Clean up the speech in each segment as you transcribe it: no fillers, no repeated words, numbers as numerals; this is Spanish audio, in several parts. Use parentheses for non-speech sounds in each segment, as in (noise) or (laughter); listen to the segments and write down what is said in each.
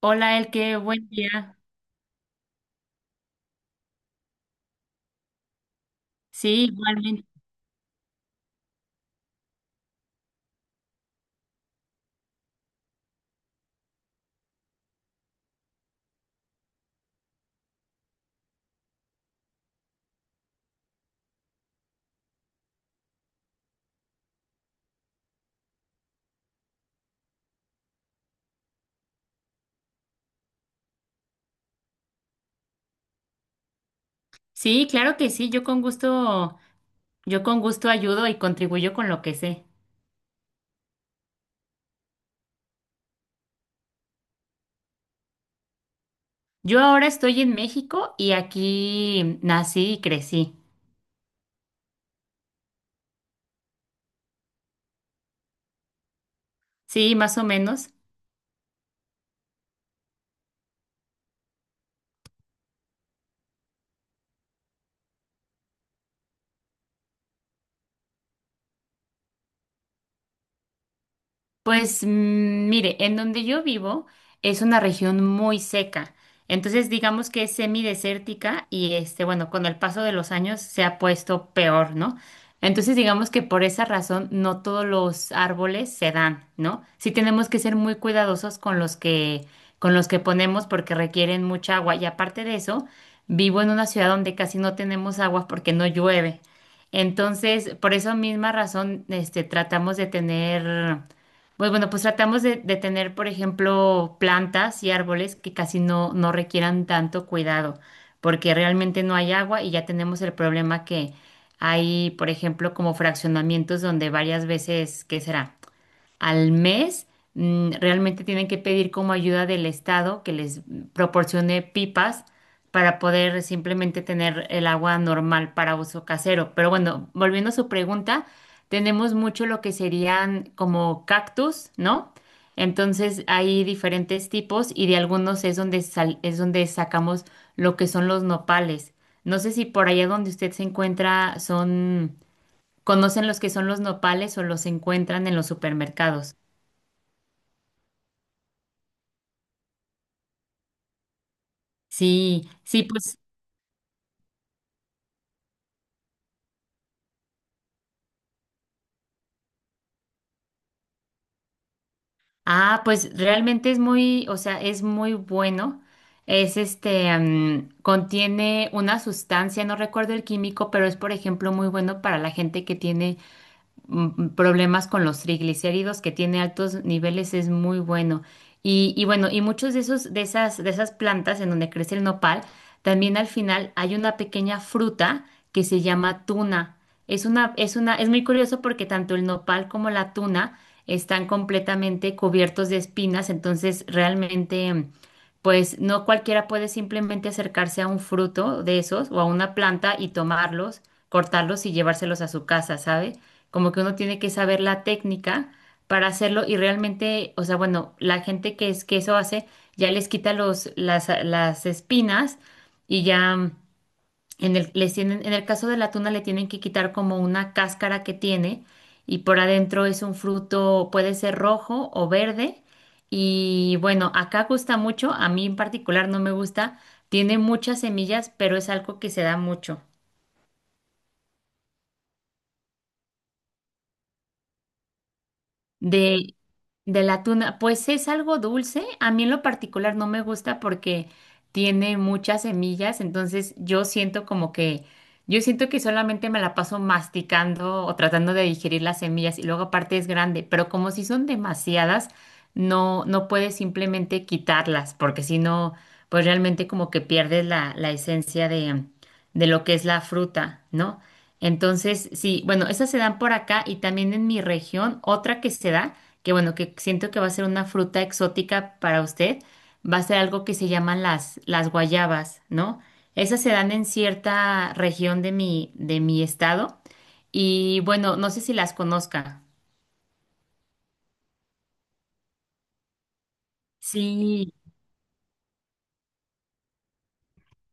Hola, Elke, buen día. Sí, igualmente. Sí, claro que sí, yo con gusto ayudo y contribuyo con lo que sé. Yo ahora estoy en México y aquí nací y crecí. Sí, más o menos. Pues mire, en donde yo vivo es una región muy seca, entonces digamos que es semidesértica y este, bueno, con el paso de los años se ha puesto peor, ¿no? Entonces digamos que por esa razón no todos los árboles se dan, ¿no? Sí tenemos que ser muy cuidadosos con los que ponemos porque requieren mucha agua y aparte de eso, vivo en una ciudad donde casi no tenemos agua porque no llueve. Entonces, por esa misma razón, este, tratamos de tener, pues bueno, pues tratamos de tener, por ejemplo, plantas y árboles que casi no, no requieran tanto cuidado, porque realmente no hay agua y ya tenemos el problema que hay, por ejemplo, como fraccionamientos donde varias veces, ¿qué será? Al mes, realmente tienen que pedir como ayuda del Estado que les proporcione pipas para poder simplemente tener el agua normal para uso casero. Pero bueno, volviendo a su pregunta, tenemos mucho lo que serían como cactus, ¿no? Entonces hay diferentes tipos y de algunos es donde es donde sacamos lo que son los nopales. No sé si por allá donde usted se encuentra son, conocen los que son los nopales o los encuentran en los supermercados. Sí, sí, pues, ah, pues realmente es muy, o sea, es muy bueno. Es este, contiene una sustancia, no recuerdo el químico, pero es, por ejemplo, muy bueno para la gente que tiene, problemas con los triglicéridos, que tiene altos niveles, es muy bueno. Y bueno, y muchos de esos, de esas plantas en donde crece el nopal, también al final hay una pequeña fruta que se llama tuna. Es muy curioso porque tanto el nopal como la tuna están completamente cubiertos de espinas, entonces realmente, pues no cualquiera puede simplemente acercarse a un fruto de esos o a una planta y tomarlos, cortarlos y llevárselos a su casa, ¿sabe? Como que uno tiene que saber la técnica para hacerlo y realmente, o sea, bueno, la gente que es que eso hace ya les quita los las espinas y ya en el les tienen, en el caso de la tuna, le tienen que quitar como una cáscara que tiene y por adentro es un fruto, puede ser rojo o verde y bueno, acá gusta mucho, a mí en particular no me gusta, tiene muchas semillas, pero es algo que se da mucho. De, de la tuna, pues es algo dulce. A mí en lo particular no me gusta porque tiene muchas semillas, entonces yo siento como que, yo siento que solamente me la paso masticando o tratando de digerir las semillas y luego aparte es grande, pero como si son demasiadas, no, no puedes simplemente quitarlas porque si no, pues realmente como que pierdes la esencia de lo que es la fruta, ¿no? Entonces, sí, bueno, esas se dan por acá y también en mi región, otra que se da, que bueno, que siento que va a ser una fruta exótica para usted, va a ser algo que se llaman las guayabas, ¿no? Esas se dan en cierta región de mi estado y bueno, no sé si las conozca. Sí,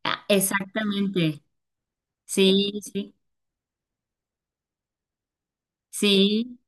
ah, exactamente. Sí, sí, sí.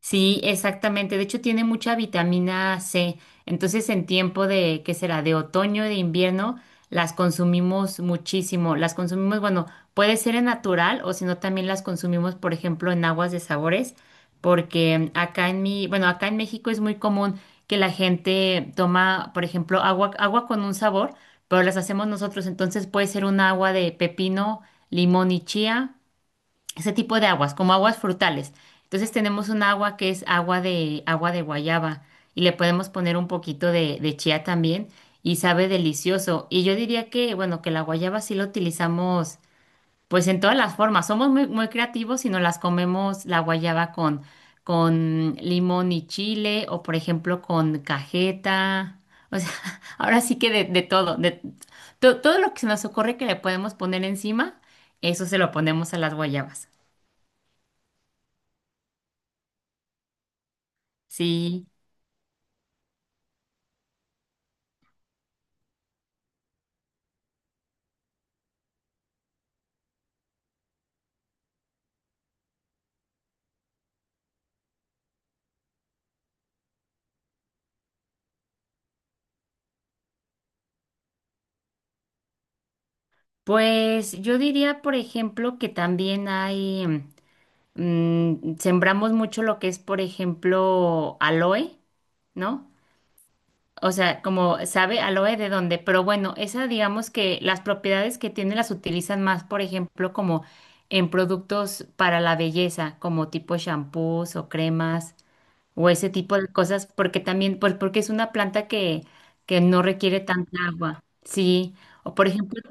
Sí, exactamente. De hecho, tiene mucha vitamina C. Entonces, en tiempo de, ¿qué será? De otoño, de invierno, las consumimos muchísimo. Las consumimos, bueno, puede ser en natural o si no, también las consumimos, por ejemplo, en aguas de sabores, porque acá en mi, bueno, acá en México es muy común que la gente toma, por ejemplo, agua con un sabor, pero las hacemos nosotros. Entonces, puede ser un agua de pepino, limón y chía, ese tipo de aguas, como aguas frutales. Entonces tenemos un agua que es agua de guayaba y le podemos poner un poquito de chía también y sabe delicioso. Y yo diría que, bueno, que la guayaba sí la utilizamos, pues en todas las formas. Somos muy, muy creativos y nos las comemos la guayaba con limón y chile o por ejemplo con cajeta. O sea, (laughs) ahora sí que de todo, de todo lo que se nos ocurre que le podemos poner encima, eso se lo ponemos a las guayabas. Sí, pues yo diría, por ejemplo, que también hay, sembramos mucho lo que es, por ejemplo, aloe, ¿no? O sea, como sabe aloe de dónde, pero bueno, esa, digamos que las propiedades que tiene las utilizan más, por ejemplo, como en productos para la belleza, como tipo shampoos o cremas o ese tipo de cosas, porque también, pues porque es una planta que no requiere tanta agua, sí. O por ejemplo,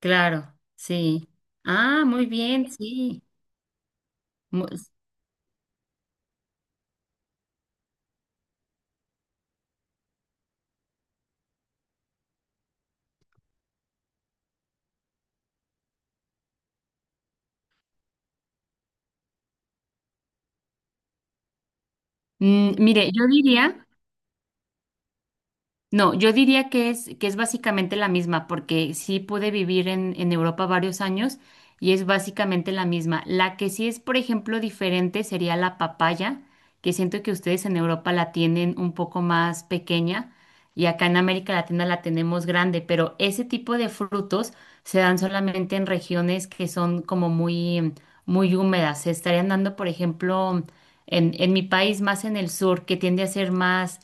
claro, sí. Ah, muy bien, sí. Mu- mire, yo diría, no, yo diría que es básicamente la misma, porque sí pude vivir en Europa varios años y es básicamente la misma. La que sí es, por ejemplo, diferente sería la papaya, que siento que ustedes en Europa la tienen un poco más pequeña y acá en América Latina la tenemos grande, pero ese tipo de frutos se dan solamente en regiones que son como muy, muy húmedas. Se estarían dando, por ejemplo, en mi país más en el sur, que tiende a ser más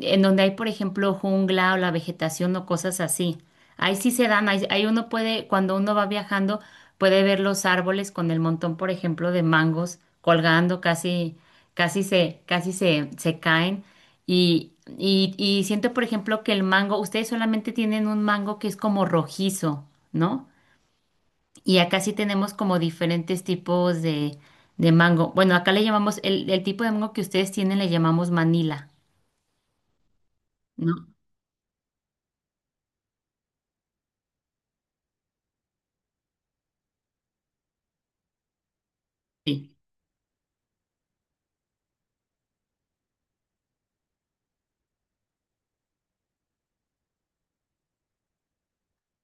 en donde hay, por ejemplo, jungla o la vegetación o cosas así. Ahí sí se dan, ahí, ahí uno puede, cuando uno va viajando, puede ver los árboles con el montón, por ejemplo, de mangos colgando, casi, casi se, se caen. Y siento, por ejemplo, que el mango, ustedes solamente tienen un mango que es como rojizo, ¿no? Y acá sí tenemos como diferentes tipos de mango. Bueno, acá le llamamos, el tipo de mango que ustedes tienen le llamamos Manila, ¿no? Sí.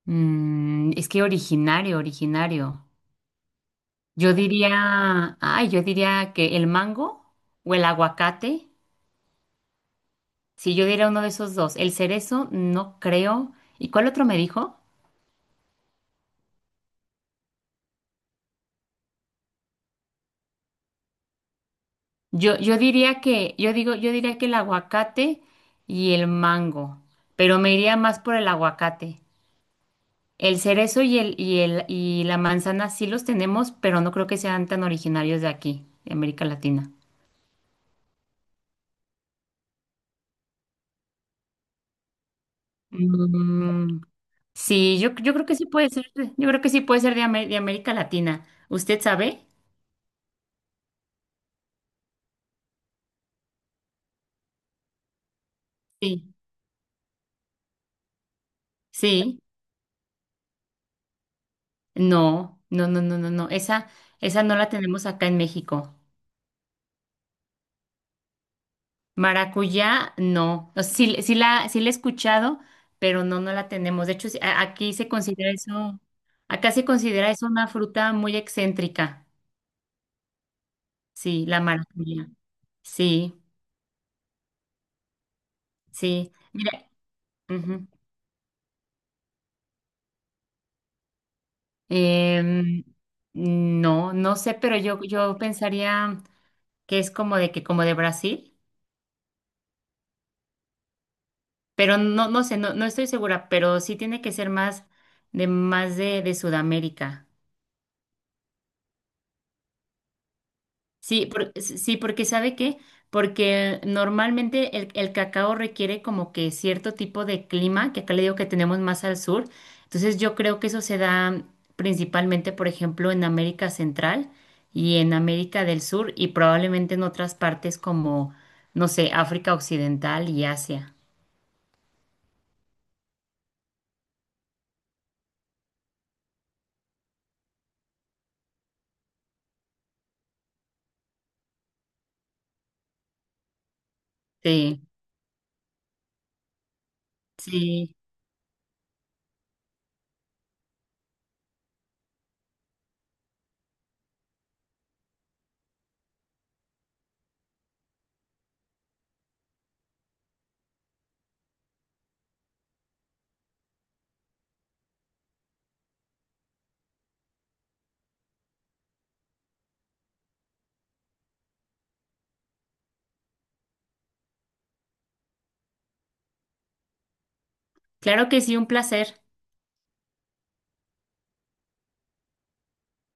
Mm, es que originario, originario. Yo diría, ay, yo diría que el mango o el aguacate. Sí, yo diría uno de esos dos. El cerezo, no creo. ¿Y cuál otro me dijo? Yo diría que, yo digo, yo diría que el aguacate y el mango, pero me iría más por el aguacate. El cerezo y la manzana sí los tenemos, pero no creo que sean tan originarios de aquí, de América Latina. Mm, sí, yo creo que sí puede ser, yo creo que sí puede ser de, de América Latina. ¿Usted sabe? Sí, sí. No, no, no, no, no, no. Esa no la tenemos acá en México. Maracuyá, no. O sea, sí, sí la he escuchado, pero no, no la tenemos. De hecho, sí, aquí se considera eso, acá se considera eso una fruta muy excéntrica. Sí, la maracuyá. Sí, sí. Mira, ujú. Em, no, no sé, pero yo pensaría que es como de Brasil, pero no, no sé, no, no estoy segura, pero sí tiene que ser más de de Sudamérica. Sí, sí, porque ¿sabe qué? Porque normalmente el cacao requiere como que cierto tipo de clima, que acá le digo que tenemos más al sur. Entonces yo creo que eso se da principalmente, por ejemplo, en América Central y en América del Sur y probablemente en otras partes como, no sé, África Occidental y Asia. Sí, sí. Claro que sí, un placer.